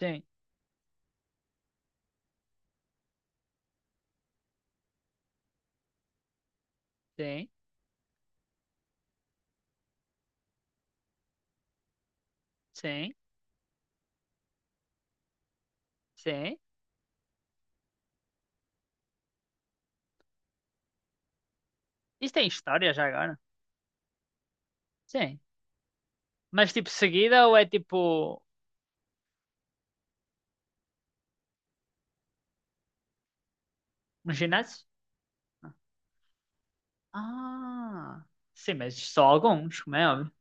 Sim, sim, sim, sim. Isso tem história já agora? Sim. Mas tipo seguida ou é tipo um ginásio? Ah, sim, mas só alguns, como é óbvio.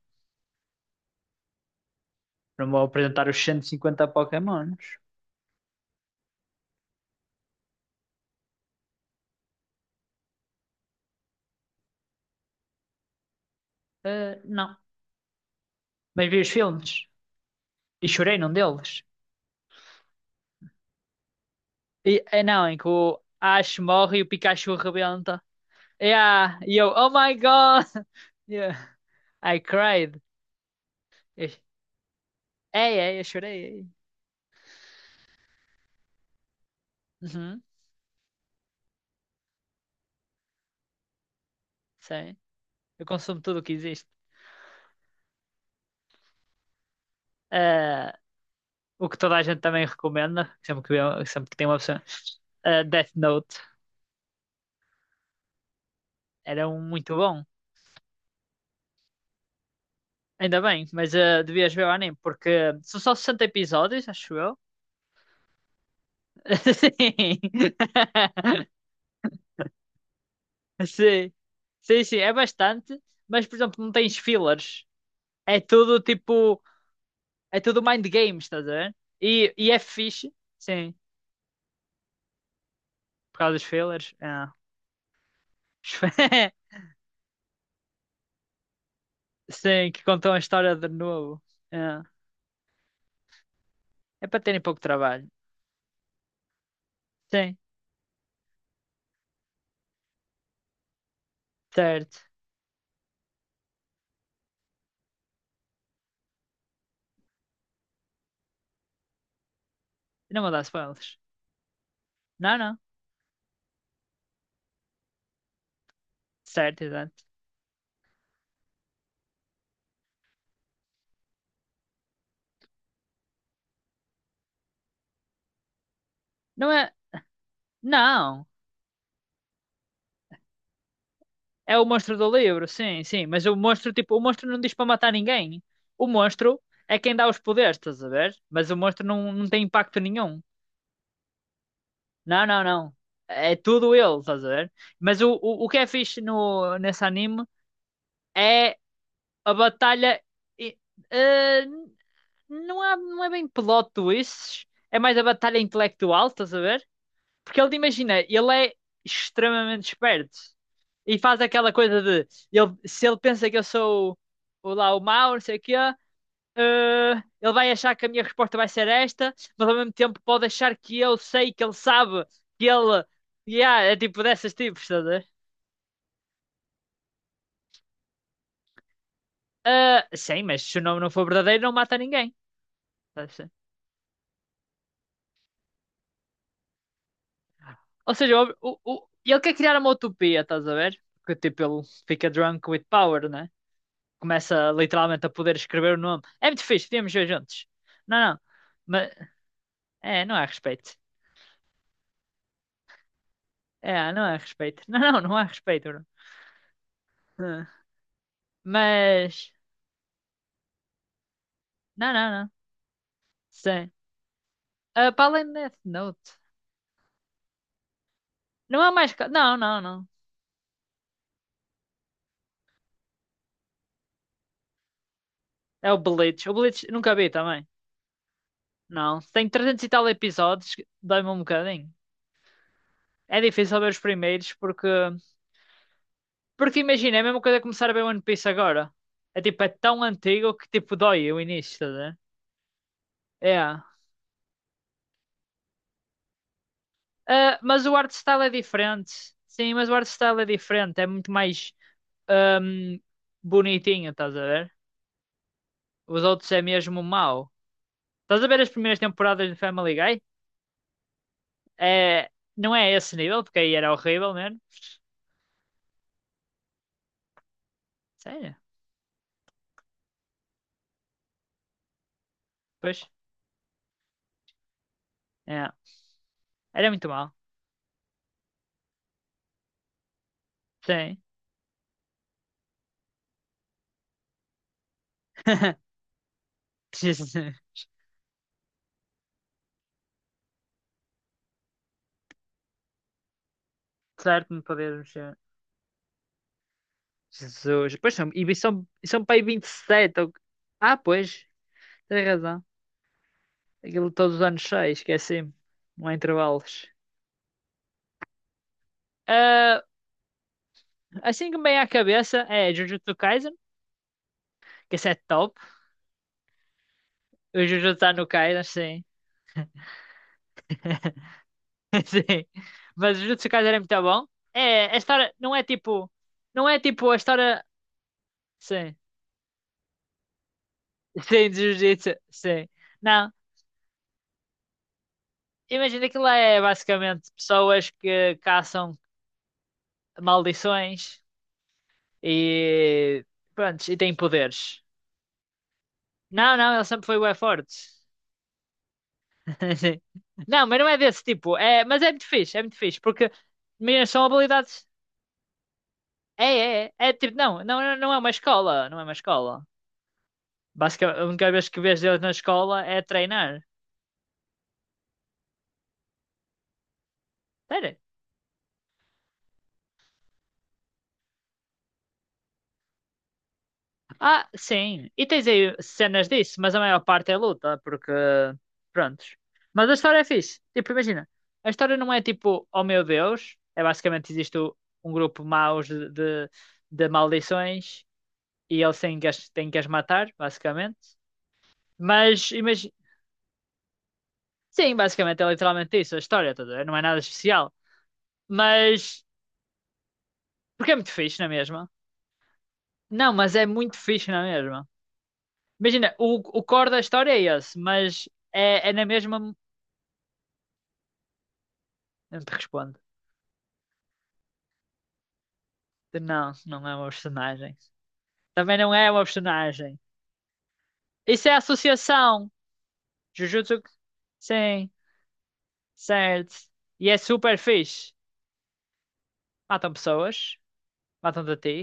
Não vou apresentar os 150 Pokémons. Ah, não. Mas vi os filmes e chorei num deles. É não, em que o Ash morre e o Pikachu rebenta. Yeah, e eu, oh my God! Yeah. I cried. Eu- Ei, ei, eu chorei. Ei. Uhum, sei. Eu consumo tudo o que existe. Ah, o que toda a gente também recomenda, sempre que, sempre que tem uma opção, Death Note era um muito bom. Ainda bem, mas devias ver o anime, porque são só 60 episódios, acho eu. Sim. Sim, sim, sim, é bastante, mas por exemplo, não tens fillers. É tudo tipo, é tudo mind games, estás a ver? E é fixe, sim, por causa dos fillers. É. Sim, que contam a história de novo. É, é para terem pouco trabalho. Sim, certo. Não vou dar spoilers. Não, não. Certo, exato. Não é. Não! É o monstro do livro, sim, sim. Mas o monstro, tipo, o monstro não diz para matar ninguém. O monstro é quem dá os poderes, estás a ver? Mas o monstro não, não tem impacto nenhum. Não, não, não. É tudo ele, estás a ver? Mas o que é fixe no, nesse anime é a batalha. e- eh, não é bem plot twists. É mais a batalha intelectual, estás a ver? Porque ele, imagina, ele é extremamente esperto. E faz aquela coisa de... Ele, se ele pensa que eu sou o, lá o mau, não sei o quê... eh, ele vai achar que a minha resposta vai ser esta, mas ao mesmo tempo pode achar que eu sei, que ele sabe, que ele... Yeah, é tipo dessas tipos, estás a ver? Ah, sim, mas se o nome não for verdadeiro, não mata ninguém. Estás a ver? Ou seja, ele quer criar uma utopia, estás a ver? Porque tipo, ele fica drunk with power, né? Começa literalmente a poder escrever o nome. É muito fixe, podíamos ver juntos. Não, não. Mas, é, não há respeito. É, não há respeito. Não, não, não há respeito, Bruno. Ah, mas, não, não, não. Sim. Ah, para além de Death Note. Não há mais. Não, não, não. É o Bleach. O Bleach nunca vi também. Não. Tem 300 e tal episódios. Dói-me um bocadinho. É difícil ver os primeiros porque. Porque imagina, é a mesma coisa começar a ver One Piece agora. É tipo, é tão antigo que tipo dói o início, tá a ver? É. Ah, mas o art style é diferente. Sim, mas o art style é diferente. É muito mais ahm, bonitinho, estás a ver? Os outros é mesmo mau. Estás a ver as primeiras temporadas de Family Guy? É, não é esse nível, porque aí era horrível, mesmo. Sério? Pois. É. Era muito mau. Sim. Jesus. Certo, não poder mexer. Jesus. Pois são. E são, são para aí 27 ah, pois. Tens razão. Aquilo todos os anos 6, esqueci-me. Não há intervalos. Ah, assim que me vem a cabeça é Jujutsu Kaisen, que esse é top. O Jujutsu tá no Kaisen, sim. Sim. Mas Jujutsu Kaisen é muito bom. É, a história não é tipo. Não é tipo a história. Sim. Sim, de Jujutsu. Sim. Não. Imagina que lá é basicamente pessoas que caçam maldições e. Pronto, e têm poderes. Não, não, ele sempre foi bué forte. Sim. Não, mas não é desse tipo. É, mas é muito fixe, é muito fixe. Porque, imagina, são habilidades. É tipo, não, não, não é uma escola, não é uma escola. Basicamente, a única vez que vês eles na escola é treinar. Sério? Ah, sim. E tens aí cenas disso, mas a maior parte é luta, porque, prontos. Mas a história é fixe. Tipo, imagina, a história não é tipo, oh meu Deus, é basicamente existe um grupo maus de maldições e eles têm que as matar, basicamente. Mas, imagina, sim, basicamente é literalmente isso, a história toda, não é nada especial. Mas porque é muito fixe, não é mesmo? Não, mas é muito fixe, não é mesmo? Imagina, o core da história é esse, mas é, é na mesma. Não te respondo. Não, não é uma personagem. Também não é uma personagem. Isso é associação. Jujutsu. Sim, certo. E é super fixe. Matam pessoas, matam-te a ti.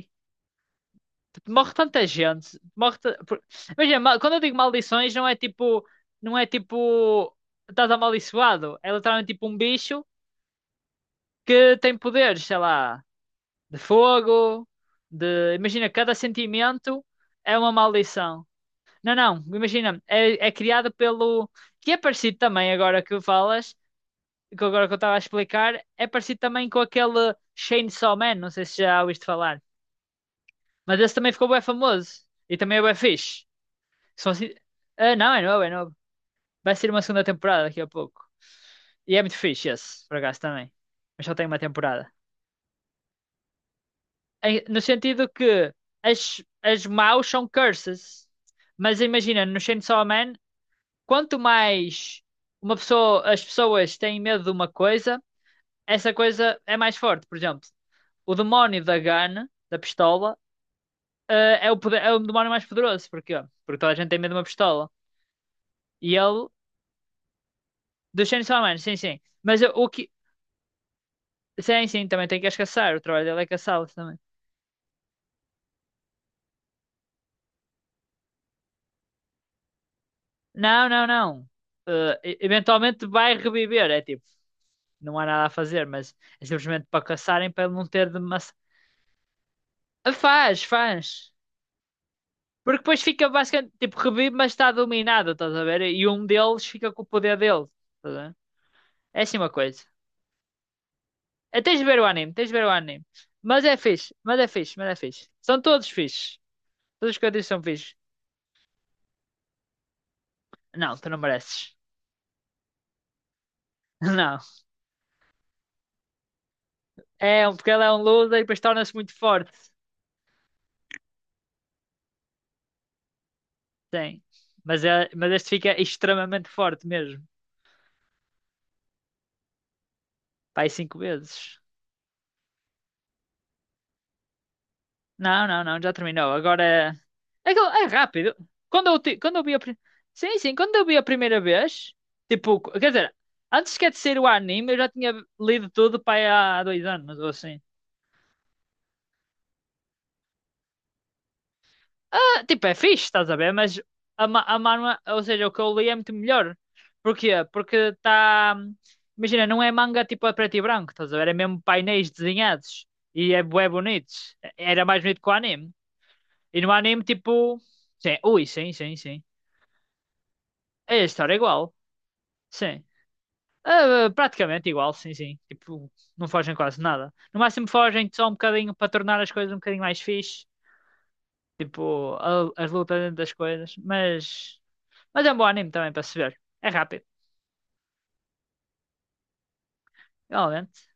Tipo, morre tanta gente. Morre imagina, quando eu digo maldições, não é tipo. Não é tipo. Estás amaldiçoado. É literalmente tipo um bicho que tem poderes, sei lá, de fogo, de. Imagina, cada sentimento é uma maldição. Não, não, imagina, é, é criado pelo. Que é parecido também, agora que falas, que agora que eu estava a explicar, é parecido também com aquele Chainsaw Man, não sei se já ouviste falar. Mas esse também ficou bem famoso. E também é bem fixe. São assim... Ah, não, é novo, é novo. Vai ser uma segunda temporada daqui a pouco. E é muito fixe esse, por acaso também. Mas só tem uma temporada. No sentido que as maus são curses. Mas imagina, no Chainsaw Man, quanto mais uma pessoa, as pessoas têm medo de uma coisa, essa coisa é mais forte. Por exemplo, o demónio da gun, da pistola, é o, é o demónio mais poderoso. Porquê? Porque toda a gente tem medo de uma pistola. E ele, do Chainsaw Man, sim, sim. Mas o que. Sim, sim, também tem que as caçar. O trabalho dele é caçá-los também. Não, não, não. Eventualmente vai reviver. É tipo. Não há nada a fazer, mas é simplesmente para caçarem para ele não ter de massa. Faz, faz. Porque depois fica basicamente tipo revive, mas está dominado, estás a ver? E um deles fica com o poder dele. Estás a ver? É assim uma coisa. É, tens de ver o anime, tens de ver o anime. Mas é fixe, mas é fixe, mas é fixe. São todos fixes. Todos os que eu disse são fixes. Não, tu não mereces. Não. É, porque ele é um loser e depois torna-se muito forte. Sim. Mas, é, mas este fica extremamente forte mesmo. Pai, 5 vezes. Não, não, não, já terminou. Agora é, é rápido. Quando eu vi sim, sim, quando eu vi a primeira vez, tipo, quer dizer, antes sequer de ser o anime, eu já tinha lido tudo para aí há 2 anos ou assim. Ah, tipo, é fixe, estás a ver? Mas a manhwa, ou seja, o que eu li é muito melhor. Porquê? Porque está, imagina, não é manga tipo a preto e branco, estás a ver? É mesmo painéis desenhados e é bué bonitos. Era mais bonito que o anime. E no anime, tipo, sim, ui, sim, sim, sim. É a história é igual, sim. Ah, praticamente igual, sim, sim. Tipo, não fogem quase nada. No máximo fogem só um bocadinho para tornar as coisas um bocadinho mais fixe. Tipo, as lutas dentro das coisas. Mas é um bom anime também para se ver. É rápido, realmente.